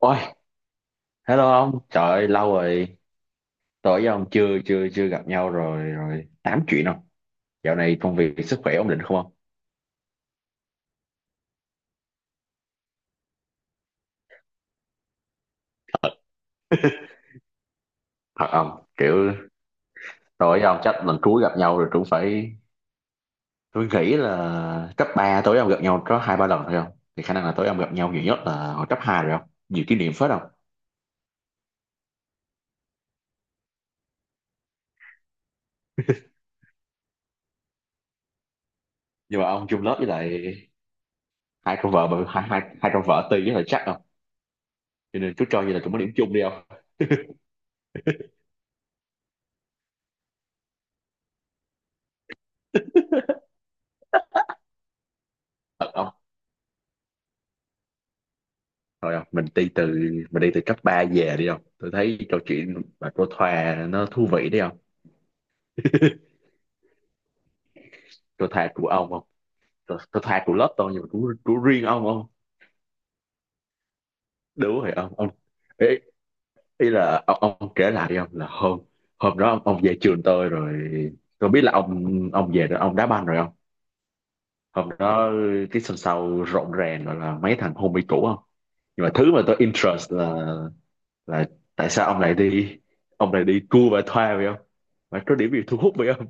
Ôi, hello ông, trời ơi, lâu rồi, tối với ông chưa chưa chưa gặp nhau rồi rồi tám chuyện không? Dạo này công việc sức khỏe ổn định không ông? Thật không? Kiểu tối với ông chắc lần cuối gặp nhau rồi cũng phải. Tôi nghĩ là cấp 3 tối với ông gặp nhau có hai ba lần thôi không? Thì khả năng là tối với ông gặp nhau nhiều nhất là hồi cấp 2 rồi không? Nhiều kỷ niệm phết không? Nhưng mà ông chung lớp với lại hai con vợ Ti với lại chắc không? Cho nên cứ cho như là cũng có điểm chung đi không? Thật không? Thôi không, mình đi từ cấp 3 về đi không? Tôi thấy câu chuyện mà cô Thoa nó thú vị đấy không? Cô Thoa của ông không? Cô Thoa của lớp tôi nhưng mà của riêng ông không? Đúng rồi ông ý, ý là ông kể lại đi ông, là hôm hôm đó ông về trường tôi rồi, tôi biết là Ông về rồi ông đá banh rồi không? Hôm đó cái sân sau rộn ràng, gọi là mấy thằng homie cũ không? Nhưng mà thứ mà tôi interest là tại sao ông lại đi cua và thoa vậy không, mà có điểm gì thu hút vậy không?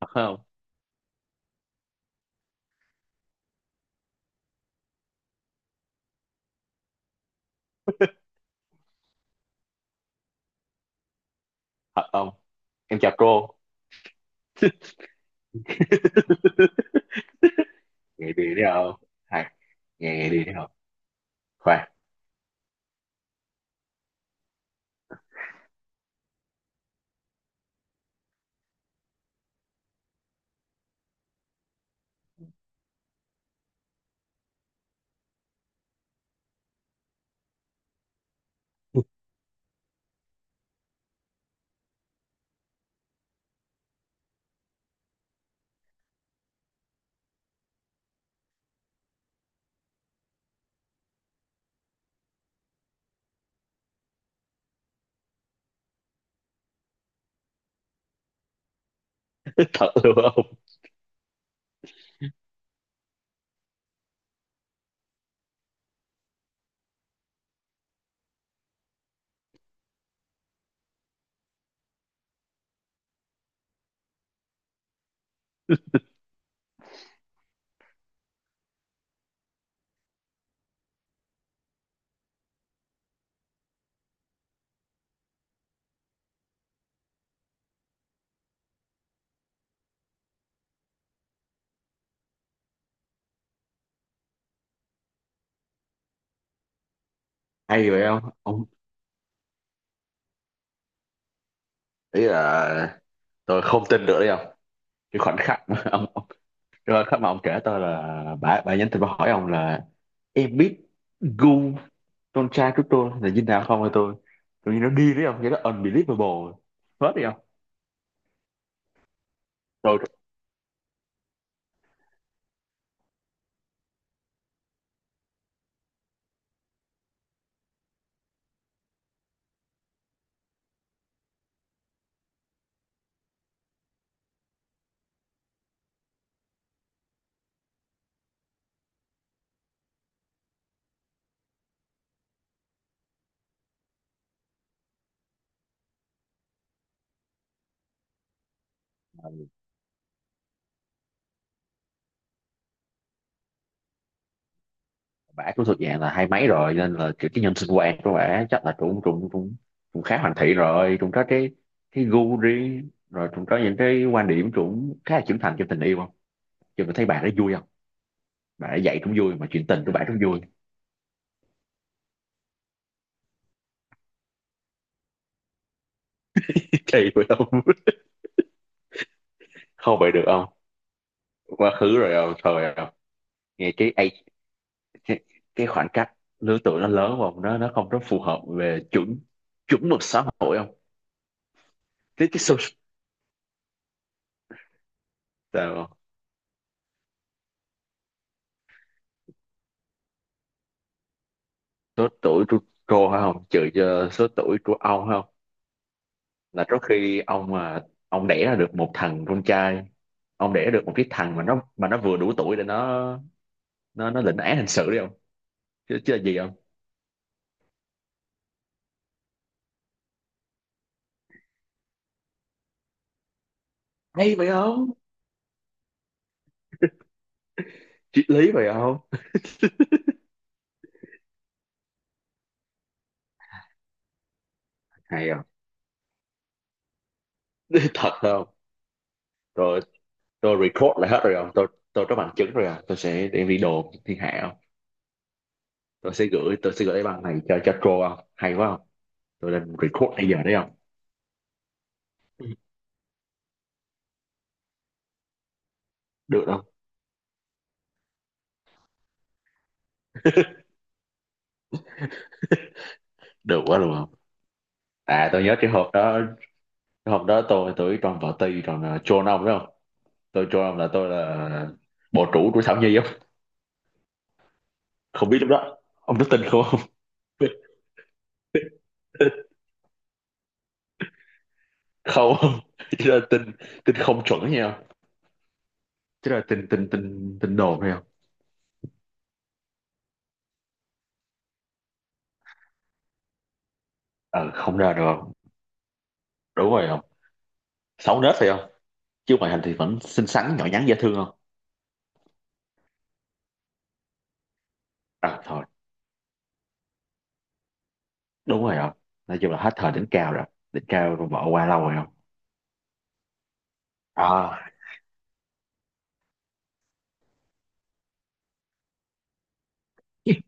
Thật không? Thật không? Em chào cô. Ngày đi đấy không? Hay ngày ngày đi đấy không? Khoan. Thật luôn không? Hay vậy không ông? Ý là tôi không tin được đấy không. cái khoảnh khắc mà ông ông- cái khoảnh khắc mà ông kể tôi là bà nhắn tin, bà hỏi ông là em biết gu con trai của tôi là như nào không, hay Tôi nghĩ nó đi đấy không. Cái đó unbelievable hết đi không? Bả cũng thuộc dạng là hai mấy rồi nên là kiểu cái nhân sinh quan của bả chắc là cũng cũng cũng cũng khá hoàn thiện rồi, cũng có cái gu riêng rồi, cũng có những cái quan điểm cũng khá là trưởng thành trong tình yêu không? Chứ mình thấy bà đó vui không, bà ấy dạy cũng vui mà chuyện tình của bà cũng vui. Kỳ vậy không? Không vậy được không? Quá khứ rồi không thời không? Nghe cái, cái khoảng cách lứa tuổi nó lớn không, nó không có phù hợp về chuẩn chuẩn mực xã hội không? Cái số. Sao không? Số tuổi của cô phải không, trừ cho số tuổi của ông phải không? Là trước khi ông mà ông đẻ ra được một thằng con trai, ông đẻ được một cái thằng mà nó vừa đủ tuổi để nó lĩnh án hình sự đi không? Chứ là gì không? Hay vậy không? Triết lý vậy không? Hay không? Thật không? Rồi, tôi record lại hết rồi không. Tôi Tôi có bằng chứng rồi không, tôi sẽ đem đi đồn thiên hạ không. Tôi sẽ gửi tôi sẽ gửi cái băng này cho Tro không, hay quá không. Tôi lên record bây giờ đấy không? Được không? Được quá luôn không? À, tôi nhớ cái hộp đó. Cái hôm đó tôi với Tròn tì ti, còn Tro ông, đúng không? Tôi cho ông là tôi là bộ chủ của Thảo Nhi không? Không biết lúc đó ông có tin không? Không, chứ là tin tin không chuẩn nha, chứ là tin. Tin đồn hay không? Ờ, không ra được không. Đúng rồi không, xấu nết phải không? Chứ ngoại hình thì vẫn xinh xắn, nhỏ nhắn, dễ thương không? À thôi. Đúng rồi không, nói chung là hết thời đỉnh cao rồi, bỏ qua lâu rồi không. À,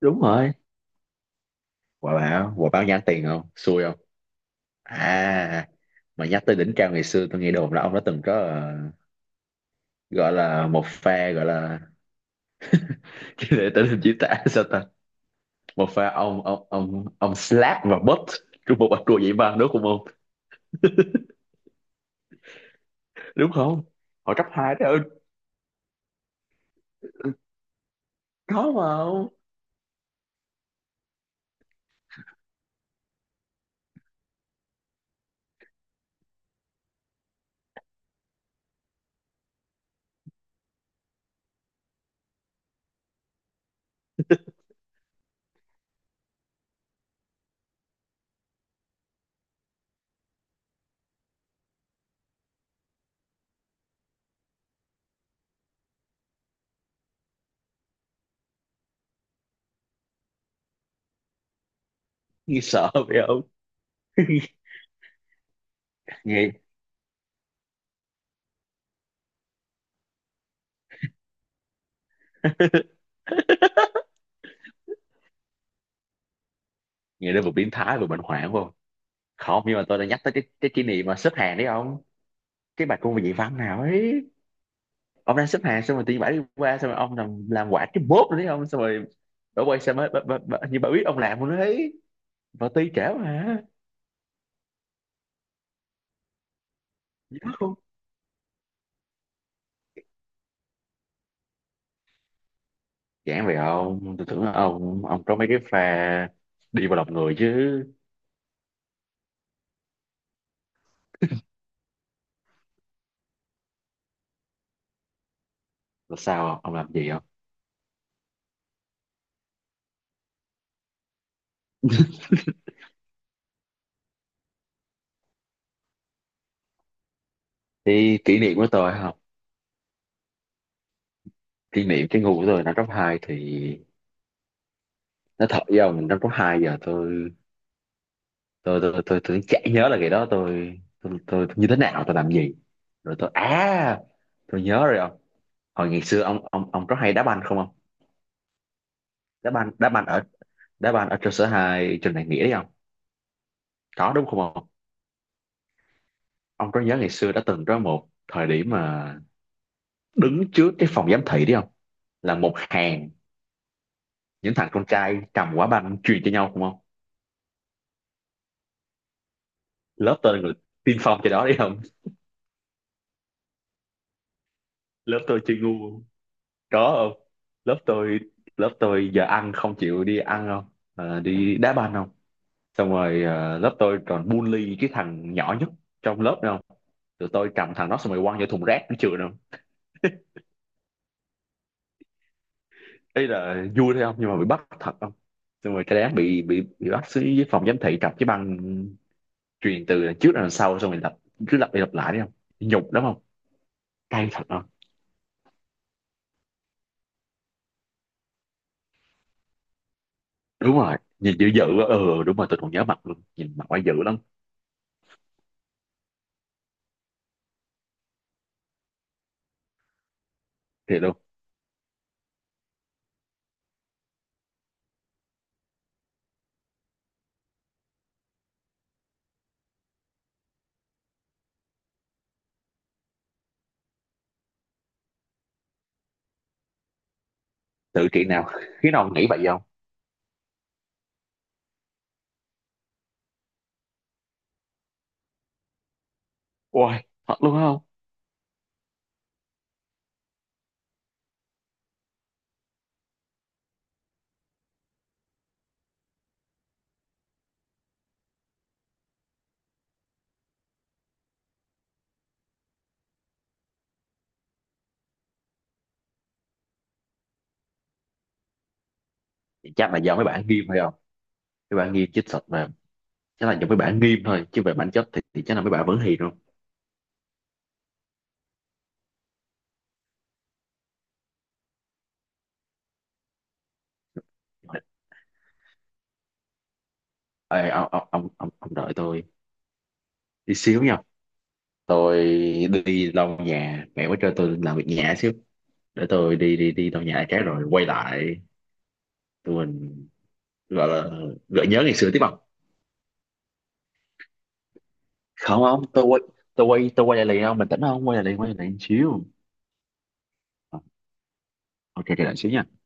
đúng rồi, quả báo nhắn tiền không, xui không? À mà nhắc tới đỉnh cao ngày xưa, tôi nghe đồn là ông đã từng có gọi là một pha, gọi là để tên hình diễn tả sao ta, một pha ông slap và butt trong một bạch đùa vậy, mà đúng không ông? Đúng không? Họ chấp hai đó. Ừ, có mà ông. Nghe sợ vậy ông. nghe nghe đến vừa biến thái vừa bệnh hoạn phải không? Không, nhưng mà tôi đã nhắc tới cái kỷ niệm mà xếp hàng đấy ông. Cái bài cô về nhị văn nào ấy, ông đang xếp hàng xong rồi tự nhiên bả đi qua, xong rồi ông làm quả cái bốp rồi đấy ông. Xong rồi bả quay xe mới bả như bà biết ông làm luôn đấy, và ti trễ mà. Dám không? Giảng về ông, tôi tưởng là ông có mấy cái pha đi vào lòng người chứ. Là sao ông làm gì không? Thì kỷ niệm của tôi không? Kỷ niệm cái ngu của tôi năm cấp 2 thì nó thật với ông. Năm cấp 2 giờ Tôi, chả nhớ là ngày đó tôi như thế nào, tôi làm gì. Rồi tôi. À, tôi nhớ rồi ông. Hồi ngày xưa ông có hay đá banh không ông? đá banh đá banh ở đá banh ở trường sở hai, trường đại nghĩa đấy không? Có đúng không ông? Ông có nhớ ngày xưa đã từng có một thời điểm mà đứng trước cái phòng giám thị đấy không, là một hàng những thằng con trai cầm quả banh truyền cho nhau không không lớp tôi là người tiên phong cho đó đấy không. Lớp tôi chơi ngu không? Có không. Lớp tôi lớp tôi giờ ăn không chịu đi ăn không. Ờ, đi đá banh không. Xong rồi lớp tôi còn bully cái thằng nhỏ nhất trong lớp nữa không. Tụi tôi cầm thằng đó xong rồi quăng vô thùng rác của trường không. Đấy là vui thôi không, nhưng mà bị bắt thật không. Xong rồi cái đám bị bắt xuống dưới phòng giám thị cầm cái băng truyền từ đằng trước ra đằng sau, xong mình lặp, cứ lặp đi lặp lại đấy không, nhục lắm không, cay thật không. Đúng rồi, nhìn dữ dữ quá. Ừ, đúng rồi, tôi còn nhớ mặt luôn, nhìn mặt quá dữ lắm. Thiệt luôn. Tự kỷ nào. Khi nào nghĩ vậy không? Ôi, thật luôn không? Chắc là do mấy bạn nghiêm phải không, mấy bạn nghiêm chích sạch mà. Chắc là do mấy bạn nghiêm thôi, chứ về bản chất thì chắc là mấy bạn vẫn hiền luôn. Ê, ông đợi tôi đi xíu nha. Tôi đi lau nhà, mẹ mới cho tôi làm việc nhà xíu. Để tôi đi đi đi lau nhà cái rồi quay lại. Tụi mình gọi là gợi nhớ ngày xưa tiếp không? Không, không, tôi quay. Tôi quay lại liền không. Bình tĩnh không, quay lại liền, quay lại liền xíu. Ờ, ok quay lại xíu nha.